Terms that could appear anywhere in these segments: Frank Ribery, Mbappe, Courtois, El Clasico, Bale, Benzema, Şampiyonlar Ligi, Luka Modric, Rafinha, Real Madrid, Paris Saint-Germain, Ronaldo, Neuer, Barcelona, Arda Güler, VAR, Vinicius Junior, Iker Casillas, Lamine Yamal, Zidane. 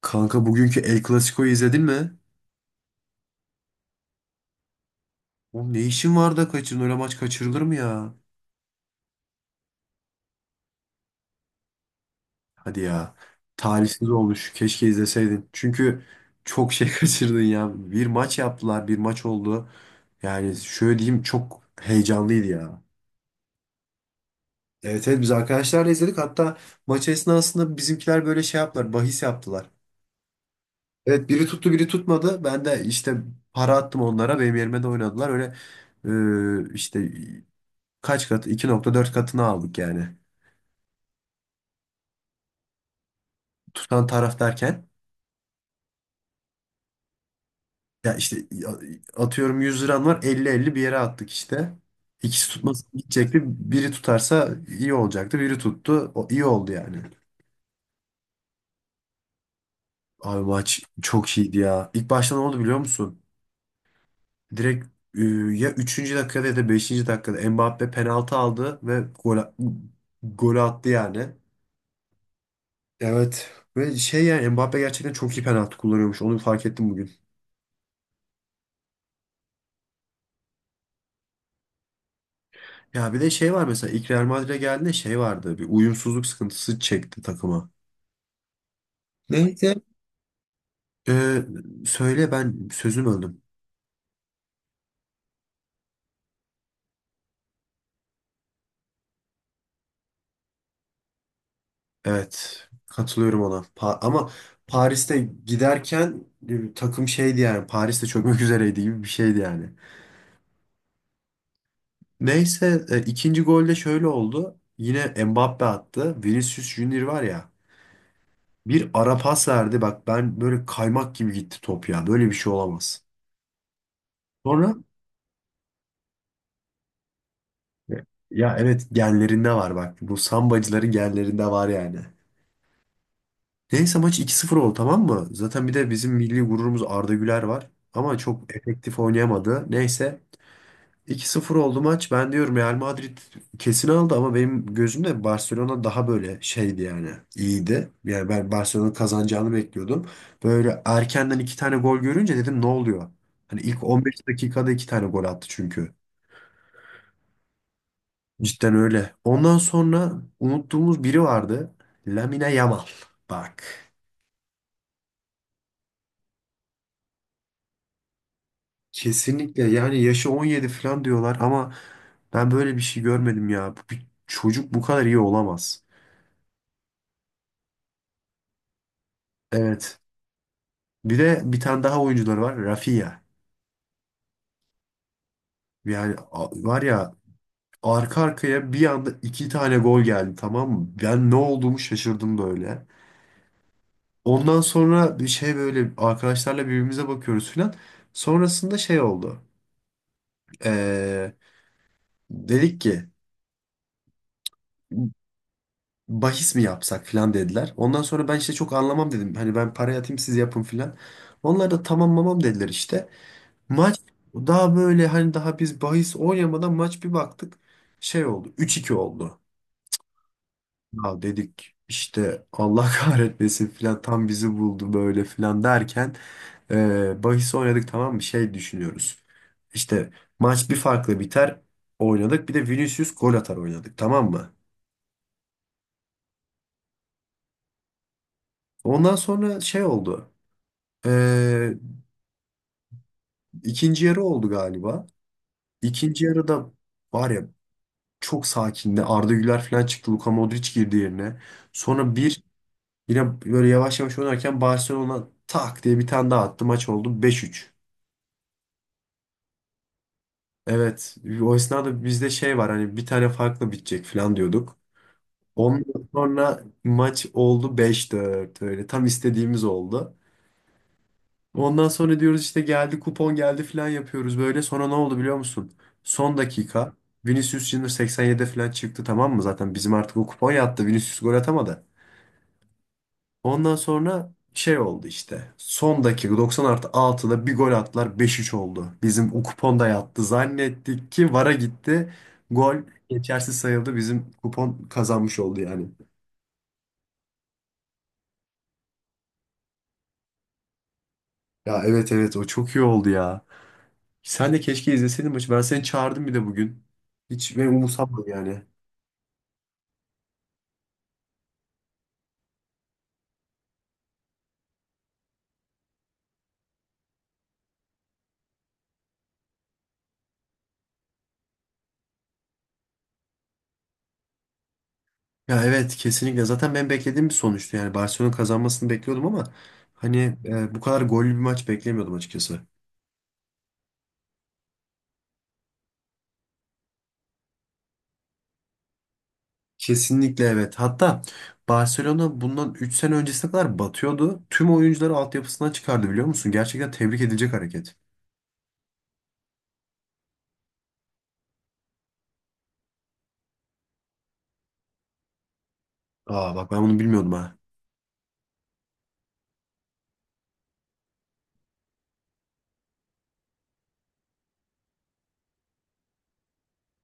Kanka bugünkü El Clasico'yu izledin mi? Oğlum ne işin var da kaçırdın? Öyle maç kaçırılır mı ya? Hadi ya. Talihsiz olmuş. Keşke izleseydin. Çünkü çok şey kaçırdın ya. Bir maç yaptılar. Bir maç oldu. Yani şöyle diyeyim çok heyecanlıydı ya. Evet, evet, biz arkadaşlarla izledik. Hatta maç esnasında bizimkiler böyle şey yaptılar. Bahis yaptılar. Evet, biri tuttu biri tutmadı. Ben de işte para attım onlara. Benim yerime de oynadılar. Öyle işte kaç katı? 2,4 katını aldık yani. Tutan taraf derken ya işte atıyorum 100 liran var elli elli bir yere attık işte. İkisi tutmasa gidecekti. Biri tutarsa iyi olacaktı. Biri tuttu. O iyi oldu yani. Abi maç çok iyiydi ya. İlk başta ne oldu biliyor musun? Direkt e, ya üçüncü dakikada ya da 5. dakikada Mbappe penaltı aldı ve gol attı yani. Evet. Ve şey yani Mbappe gerçekten çok iyi penaltı kullanıyormuş. Onu fark ettim bugün. Ya bir de şey var mesela ilk Real Madrid'e geldiğinde şey vardı. Bir uyumsuzluk sıkıntısı çekti takıma. Neyse. Ee, söyle ben sözüm öldüm. Evet, katılıyorum ona. Ama Paris'te giderken takım şeydi yani, Paris'te çökmek üzereydi gibi bir şeydi yani. Neyse, ikinci golde şöyle oldu. Yine Mbappe attı. Vinicius Junior var ya, bir ara pas verdi. Bak ben, böyle kaymak gibi gitti top ya. Böyle bir şey olamaz. Sonra. Ya, evet, genlerinde var bak. Bu sambacıların genlerinde var yani. Neyse, maç 2-0 oldu tamam mı? Zaten bir de bizim milli gururumuz Arda Güler var. Ama çok efektif oynayamadı. Neyse, 2-0 oldu maç. Ben diyorum Real Madrid kesin aldı, ama benim gözümde Barcelona daha böyle şeydi yani. İyiydi. Yani ben Barcelona'nın kazanacağını bekliyordum. Böyle erkenden iki tane gol görünce dedim ne oluyor? Hani ilk 15 dakikada iki tane gol attı çünkü. Cidden öyle. Ondan sonra unuttuğumuz biri vardı. Lamine Yamal. Bak. Kesinlikle, yani yaşı 17 falan diyorlar ama ben böyle bir şey görmedim ya. Bir çocuk bu kadar iyi olamaz. Evet. Bir de bir tane daha oyuncuları var. Rafinha. Yani var ya, arka arkaya bir anda iki tane gol geldi tamam mı? Ben ne olduğumu şaşırdım böyle. Ondan sonra bir şey, böyle arkadaşlarla birbirimize bakıyoruz falan. Sonrasında şey oldu. Ee, Dedik ki bahis mi yapsak filan dediler. Ondan sonra ben işte çok anlamam dedim. Hani ben parayı atayım siz yapın filan. Onlar da tamam mamam dediler işte. Maç daha böyle, hani daha biz bahis oynamadan maç, bir baktık. Şey oldu, 3-2 oldu. Ya dedik işte Allah kahretmesin filan, tam bizi buldu böyle filan derken bahis oynadık tamam mı, şey düşünüyoruz. İşte maç bir farkla biter oynadık, bir de Vinicius gol atar oynadık tamam mı? Ondan sonra şey oldu. Ee, ikinci yarı oldu galiba. İkinci yarıda, var ya, çok sakindi. Arda Güler falan çıktı. Luka Modric girdi yerine. Sonra bir, yine böyle yavaş yavaş oynarken Barcelona tak diye bir tane daha attı. Maç oldu 5-3. Evet. O esnada bizde şey var, hani bir tane farklı bitecek falan diyorduk. Ondan sonra maç oldu 5-4 öyle. Tam istediğimiz oldu. Ondan sonra diyoruz işte geldi kupon geldi falan yapıyoruz böyle. Sonra ne oldu biliyor musun? Son dakika Vinicius Junior 87'de falan çıktı tamam mı? Zaten bizim artık o kupon yattı. Vinicius gol atamadı. Ondan sonra şey oldu işte. Son dakika 90 artı 6'da bir gol attılar, 5-3 oldu. Bizim o kupon da yattı. Zannettik ki VAR'a gitti. Gol geçersiz sayıldı. Bizim kupon kazanmış oldu yani. Ya, evet, evet, o çok iyi oldu ya. Sen de keşke izleseydin maçı. Ben seni çağırdım bir de bugün. Hiç ben umursamam yani. Ya, evet, kesinlikle. Zaten ben beklediğim bir sonuçtu. Yani Barcelona kazanmasını bekliyordum ama hani bu kadar gollü bir maç beklemiyordum açıkçası. Kesinlikle evet. Hatta Barcelona bundan 3 sene öncesine kadar batıyordu. Tüm oyuncuları altyapısından çıkardı biliyor musun? Gerçekten tebrik edilecek hareket. Aa, bak ben bunu bilmiyordum ha.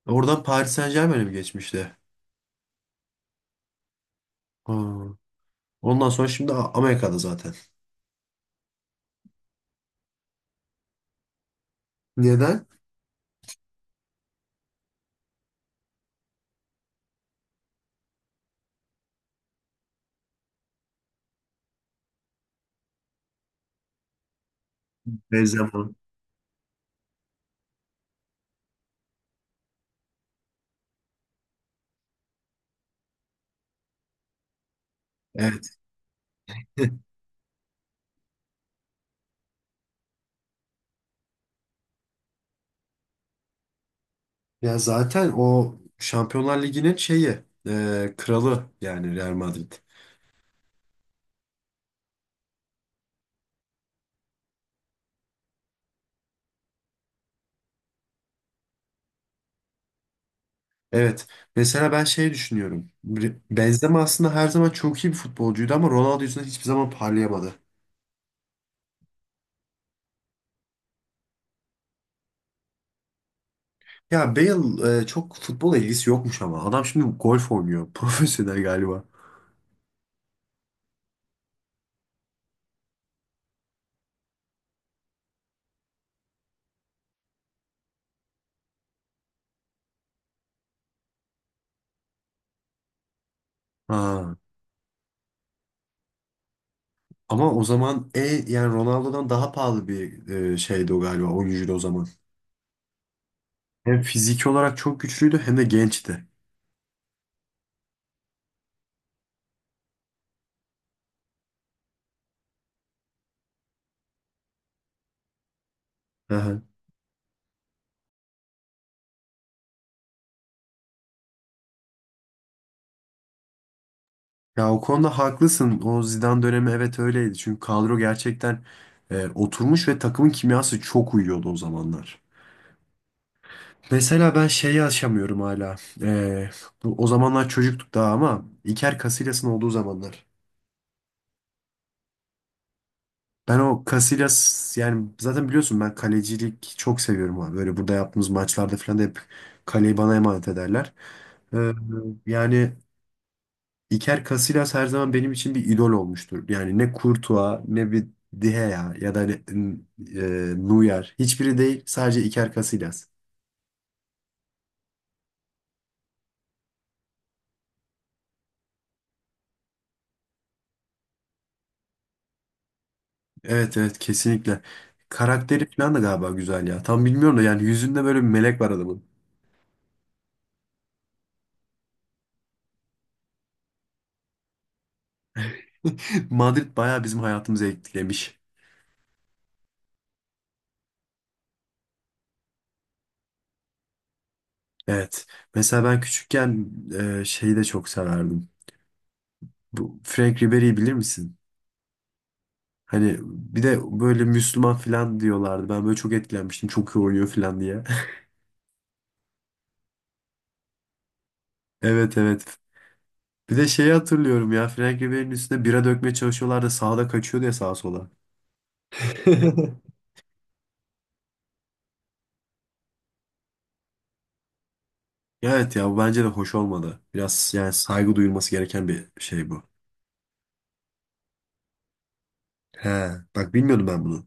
Oradan Paris Saint-Germain'e mi geçmişti? Aa, ondan sonra şimdi Amerika'da zaten. Neden? Benzema. Evet. Ya zaten o Şampiyonlar Ligi'nin şeyi, kralı yani Real Madrid. Evet. Mesela ben şey düşünüyorum. Benzema aslında her zaman çok iyi bir futbolcuydu ama Ronaldo yüzünden hiçbir zaman parlayamadı. Ya Bale, çok futbola ilgisi yokmuş ama. Adam şimdi golf oynuyor. Profesyonel galiba. Ha. Ama o zaman, yani Ronaldo'dan daha pahalı bir şeydi o galiba, oyuncuydu o zaman. Hem fiziki olarak çok güçlüydü hem de gençti. Aha. Ya o konuda haklısın. O Zidane dönemi evet öyleydi. Çünkü kadro gerçekten oturmuş ve takımın kimyası çok uyuyordu o zamanlar. Mesela ben şeyi aşamıyorum hala. E, O zamanlar çocuktuk daha ama İker Casillas'ın olduğu zamanlar. Ben o Casillas, yani zaten biliyorsun ben kalecilik çok seviyorum abi. Böyle burada yaptığımız maçlarda falan da hep kaleyi bana emanet ederler. E, Yani Iker Casillas her zaman benim için bir idol olmuştur. Yani ne Courtois ne bir Dihea ya da Neuer. Hiçbiri değil, sadece Iker Casillas. Evet, evet, kesinlikle. Karakteri falan da galiba güzel ya. Tam bilmiyorum da yani, yüzünde böyle bir melek var adamın. Madrid bayağı bizim hayatımızı etkilemiş. Evet. Mesela ben küçükken şeyi de çok severdim. Bu Frank Ribery'i bilir misin? Hani bir de böyle Müslüman falan diyorlardı. Ben böyle çok etkilenmiştim. Çok iyi oynuyor falan diye. Evet, evet. Bir de şeyi hatırlıyorum ya, Frank Ribery'nin üstüne bira dökmeye çalışıyorlardı, sağda kaçıyordu ya sağa sola. Evet ya, bu bence de hoş olmadı. Biraz yani, saygı duyulması gereken bir şey bu. He, bak bilmiyordum ben bunu.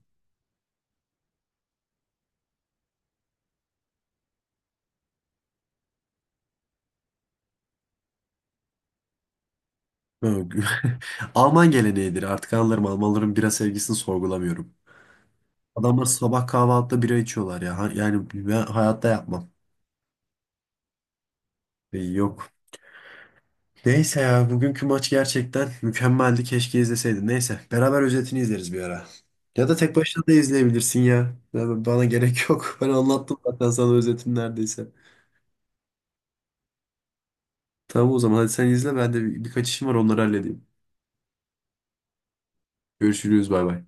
Alman geleneğidir, artık anlarım, Almanların bira sevgisini sorgulamıyorum. Adamlar sabah kahvaltıda bira içiyorlar ya. Yani ben hayatta yapmam. Yok. Neyse ya, bugünkü maç gerçekten mükemmeldi. Keşke izleseydin. Neyse, beraber özetini izleriz bir ara. Ya da tek başına da izleyebilirsin ya. Bana gerek yok. Ben anlattım zaten sana özetin neredeyse. Tamam, o zaman hadi sen izle, ben de birkaç işim var, onları halledeyim. Görüşürüz, bay bay.